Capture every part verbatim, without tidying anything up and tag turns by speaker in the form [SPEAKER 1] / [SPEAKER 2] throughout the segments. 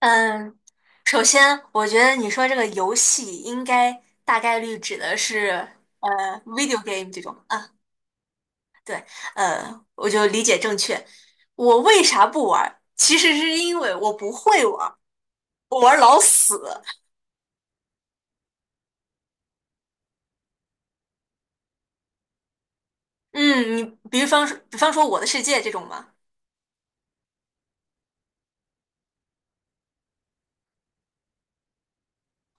[SPEAKER 1] 嗯，首先，我觉得你说这个游戏应该大概率指的是呃 video game 这种啊，对，呃，我就理解正确。我为啥不玩儿？其实是因为我不会玩儿，我玩儿老死。嗯，你比方说，比方说《我的世界》这种吗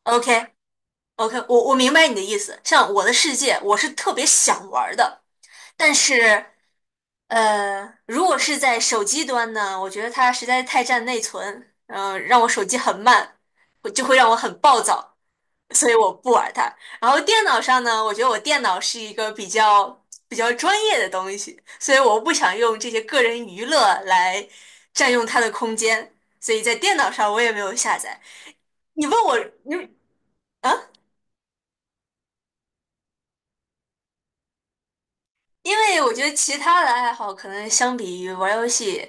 [SPEAKER 1] o k? OK,我我明白你的意思。像《我的世界》，我是特别想玩儿的，但是，呃，如果是在手机端呢，我觉得它实在太占内存，嗯、让我手机很慢，我就会让我很暴躁，所以我不玩它。然后电脑上呢，我觉得我电脑是一个比较比较专业的东西，所以我不想用这些个人娱乐来占用它的空间，所以在电脑上我也没有下载。你问我，你啊？因为我觉得其他的爱好可能相比于玩游戏，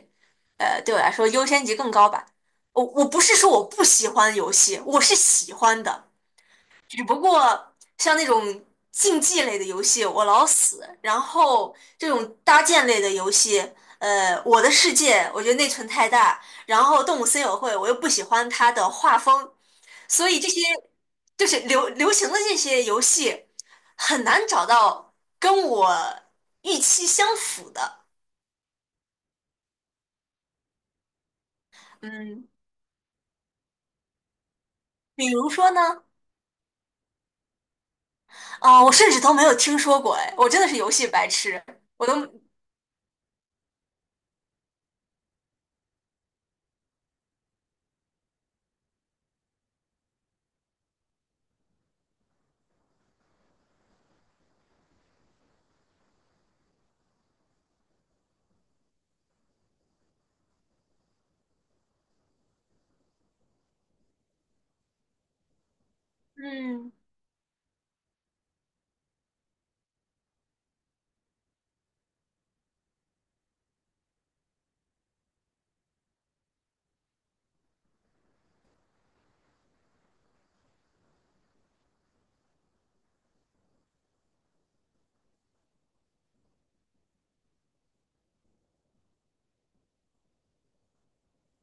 [SPEAKER 1] 呃，对我来说优先级更高吧。我我不是说我不喜欢游戏，我是喜欢的，只不过像那种竞技类的游戏我老死，然后这种搭建类的游戏，呃，我的世界我觉得内存太大，然后动物森友会我又不喜欢它的画风，所以这些就是流流行的这些游戏，很难找到跟我预期相符的。嗯，比如说呢，啊、我甚至都没有听说过，哎，我真的是游戏白痴，我都，嗯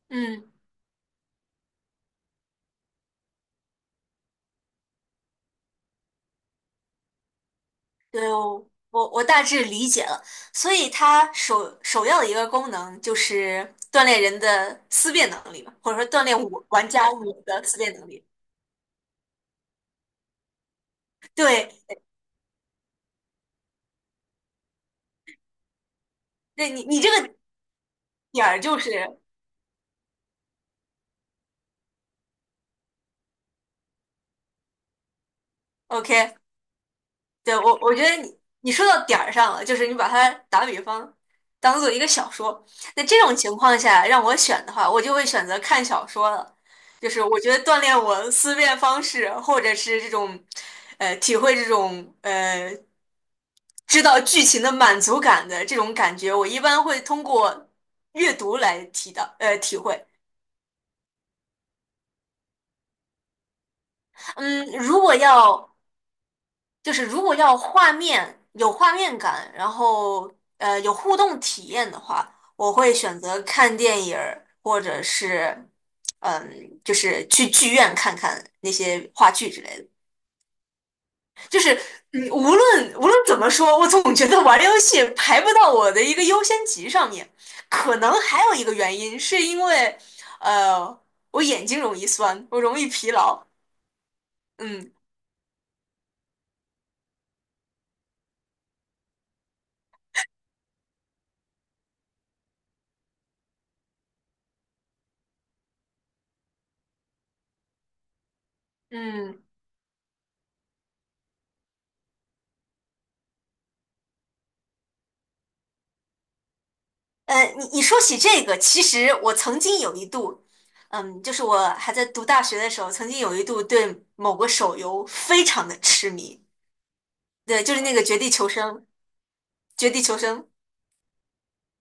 [SPEAKER 1] 嗯，对，我我我大致理解了。所以它首首要的一个功能就是锻炼人的思辨能力嘛，或者说锻炼我玩家我的思辨能力。对，那你你这个点儿就是 OK,对，我我觉得你你说到点儿上了，就是你把它打比方当做一个小说，那这种情况下让我选的话，我就会选择看小说了，就是我觉得锻炼我思辨方式，或者是这种呃体会这种呃知道剧情的满足感的这种感觉，我一般会通过阅读来提到呃体会。嗯，如果要就是如果要画面有画面感，然后呃有互动体验的话，我会选择看电影儿，或者是嗯，就是去剧院看看那些话剧之类的。就是嗯，无论无论怎么说，我总觉得玩游戏排不到我的一个优先级上面。可能还有一个原因是因为呃我眼睛容易酸，我容易疲劳。嗯嗯。呃，你你说起这个，其实我曾经有一度，嗯，就是我还在读大学的时候，曾经有一度对某个手游非常的痴迷。对，就是那个《绝地求生》，《绝地求生》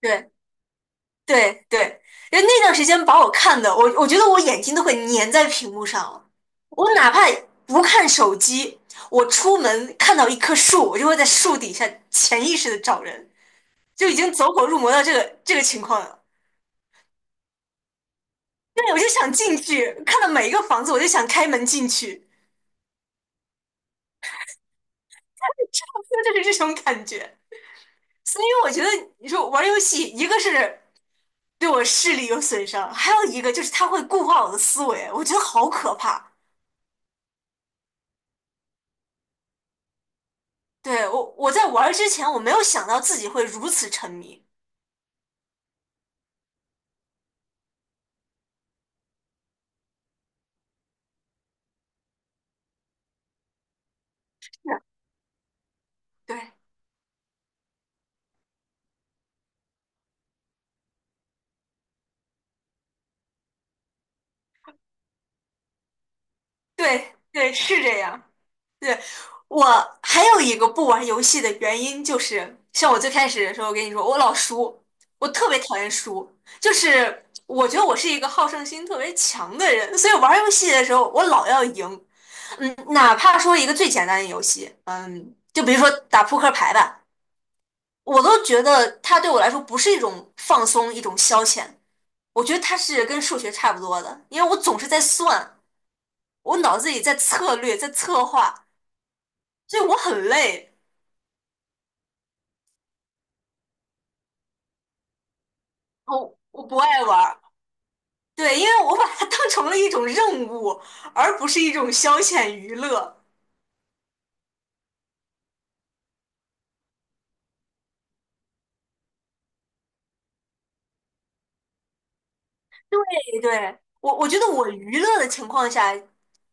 [SPEAKER 1] 对。对对对人因为那段时间把我看的，我我觉得我眼睛都会粘在屏幕上了。我哪怕不看手机，我出门看到一棵树，我就会在树底下潜意识的找人，就已经走火入魔到这个这个情况了。对，我就想进去，看到每一个房子，我就想开门进去，就是这种感觉。所以我觉得，你说玩游戏，一个是对我视力有损伤，还有一个就是它会固化我的思维，我觉得好可怕。对，我，我在玩儿之前，我没有想到自己会如此沉迷。是，对对对，是这样。对，我还有一个不玩游戏的原因就是，像我最开始的时候跟你说，我老输，我特别讨厌输，就是我觉得我是一个好胜心特别强的人，所以玩游戏的时候我老要赢，哪怕说一个最简单的游戏，就比如说打扑克牌吧，我都觉得它对我来说不是一种放松，一种消遣，我觉得它是跟数学差不多的，因为我总是在算，我脑子里在策略，在策划，所以我很累，我我不爱玩。对，因为我把它当成了一种任务，而不是一种消遣娱乐。对对，我我觉得我娱乐的情况下，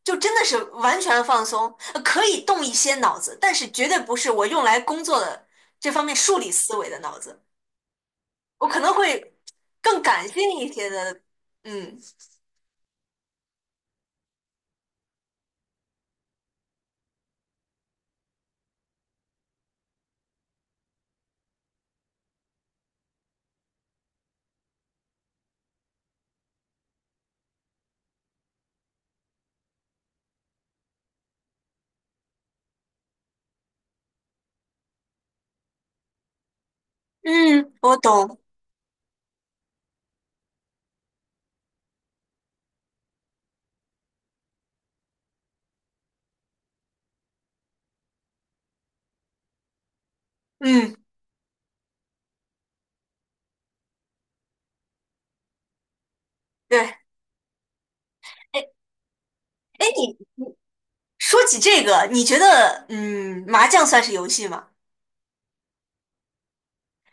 [SPEAKER 1] 就真的是完全放松，呃可以动一些脑子，但是绝对不是我用来工作的这方面数理思维的脑子，我可能会更感性一些的。嗯嗯，我懂。嗯，对。哎哎，你你说起这个，你觉得嗯麻将算是游戏吗？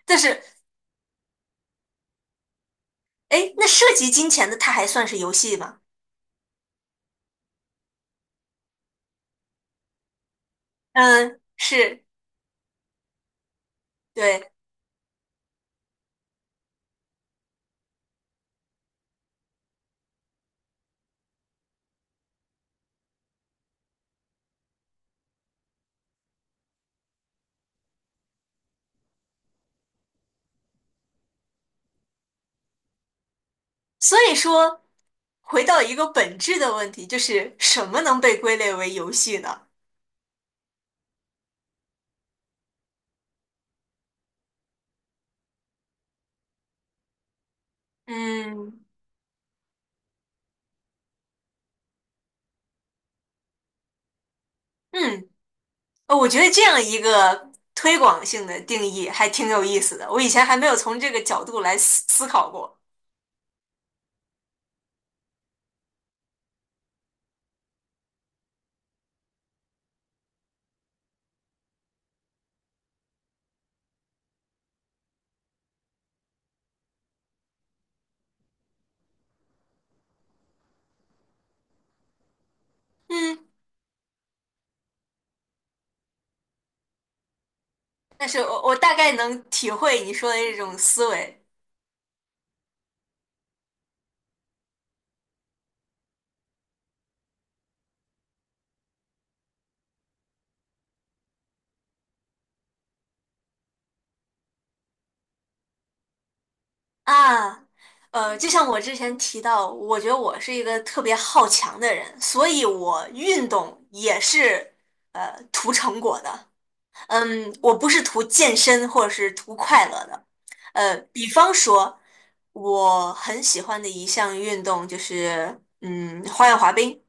[SPEAKER 1] 但是哎，那涉及金钱的，它还算是游戏吗？嗯，是，对。所以说，回到一个本质的问题，就是什么能被归类为游戏呢？嗯嗯，呃我觉得这样一个推广性的定义还挺有意思的，我以前还没有从这个角度来思思考过。嗯，但是我我大概能体会你说的这种思维。啊，呃，就像我之前提到，我觉得我是一个特别好强的人，所以我运动也是呃图成果的。嗯，我不是图健身或者是图快乐的。呃，比方说，我很喜欢的一项运动就是嗯花样滑冰。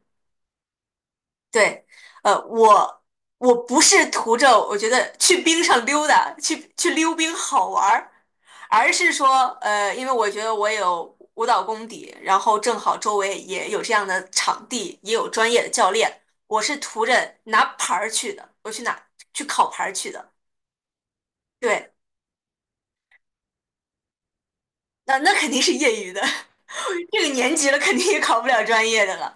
[SPEAKER 1] 对，呃，我我不是图着我觉得去冰上溜达，去去溜冰好玩儿，而是说，呃，因为我觉得我有舞蹈功底，然后正好周围也有这样的场地，也有专业的教练，我是图着拿牌儿去的，我去拿去考牌儿去的。对，那那肯定是业余的，这个年级了肯定也考不了专业的了。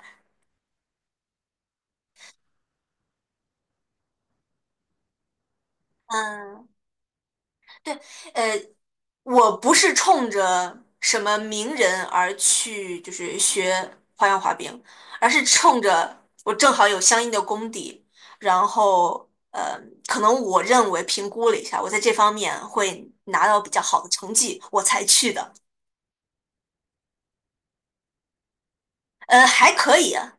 [SPEAKER 1] 嗯。呃。我不是冲着什么名人而去，就是学花样滑冰，而是冲着我正好有相应的功底，然后呃，可能我认为评估了一下，我在这方面会拿到比较好的成绩，我才去的。呃，还可以啊，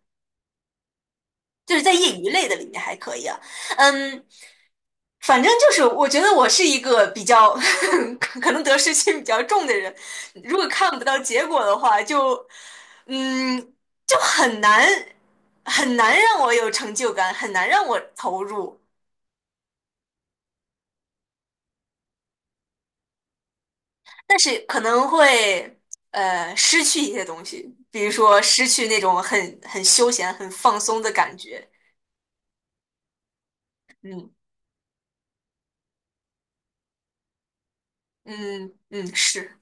[SPEAKER 1] 就是在业余类的里面还可以啊。嗯，反正就是，我觉得我是一个比较 可能得失心比较重的人，如果看不到结果的话，就嗯，就很难很难让我有成就感，很难让我投入，但是可能会呃失去一些东西，比如说失去那种很很休闲、很放松的感觉。嗯嗯嗯，是，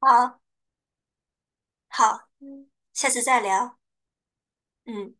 [SPEAKER 1] 好，好，嗯，下次再聊。嗯。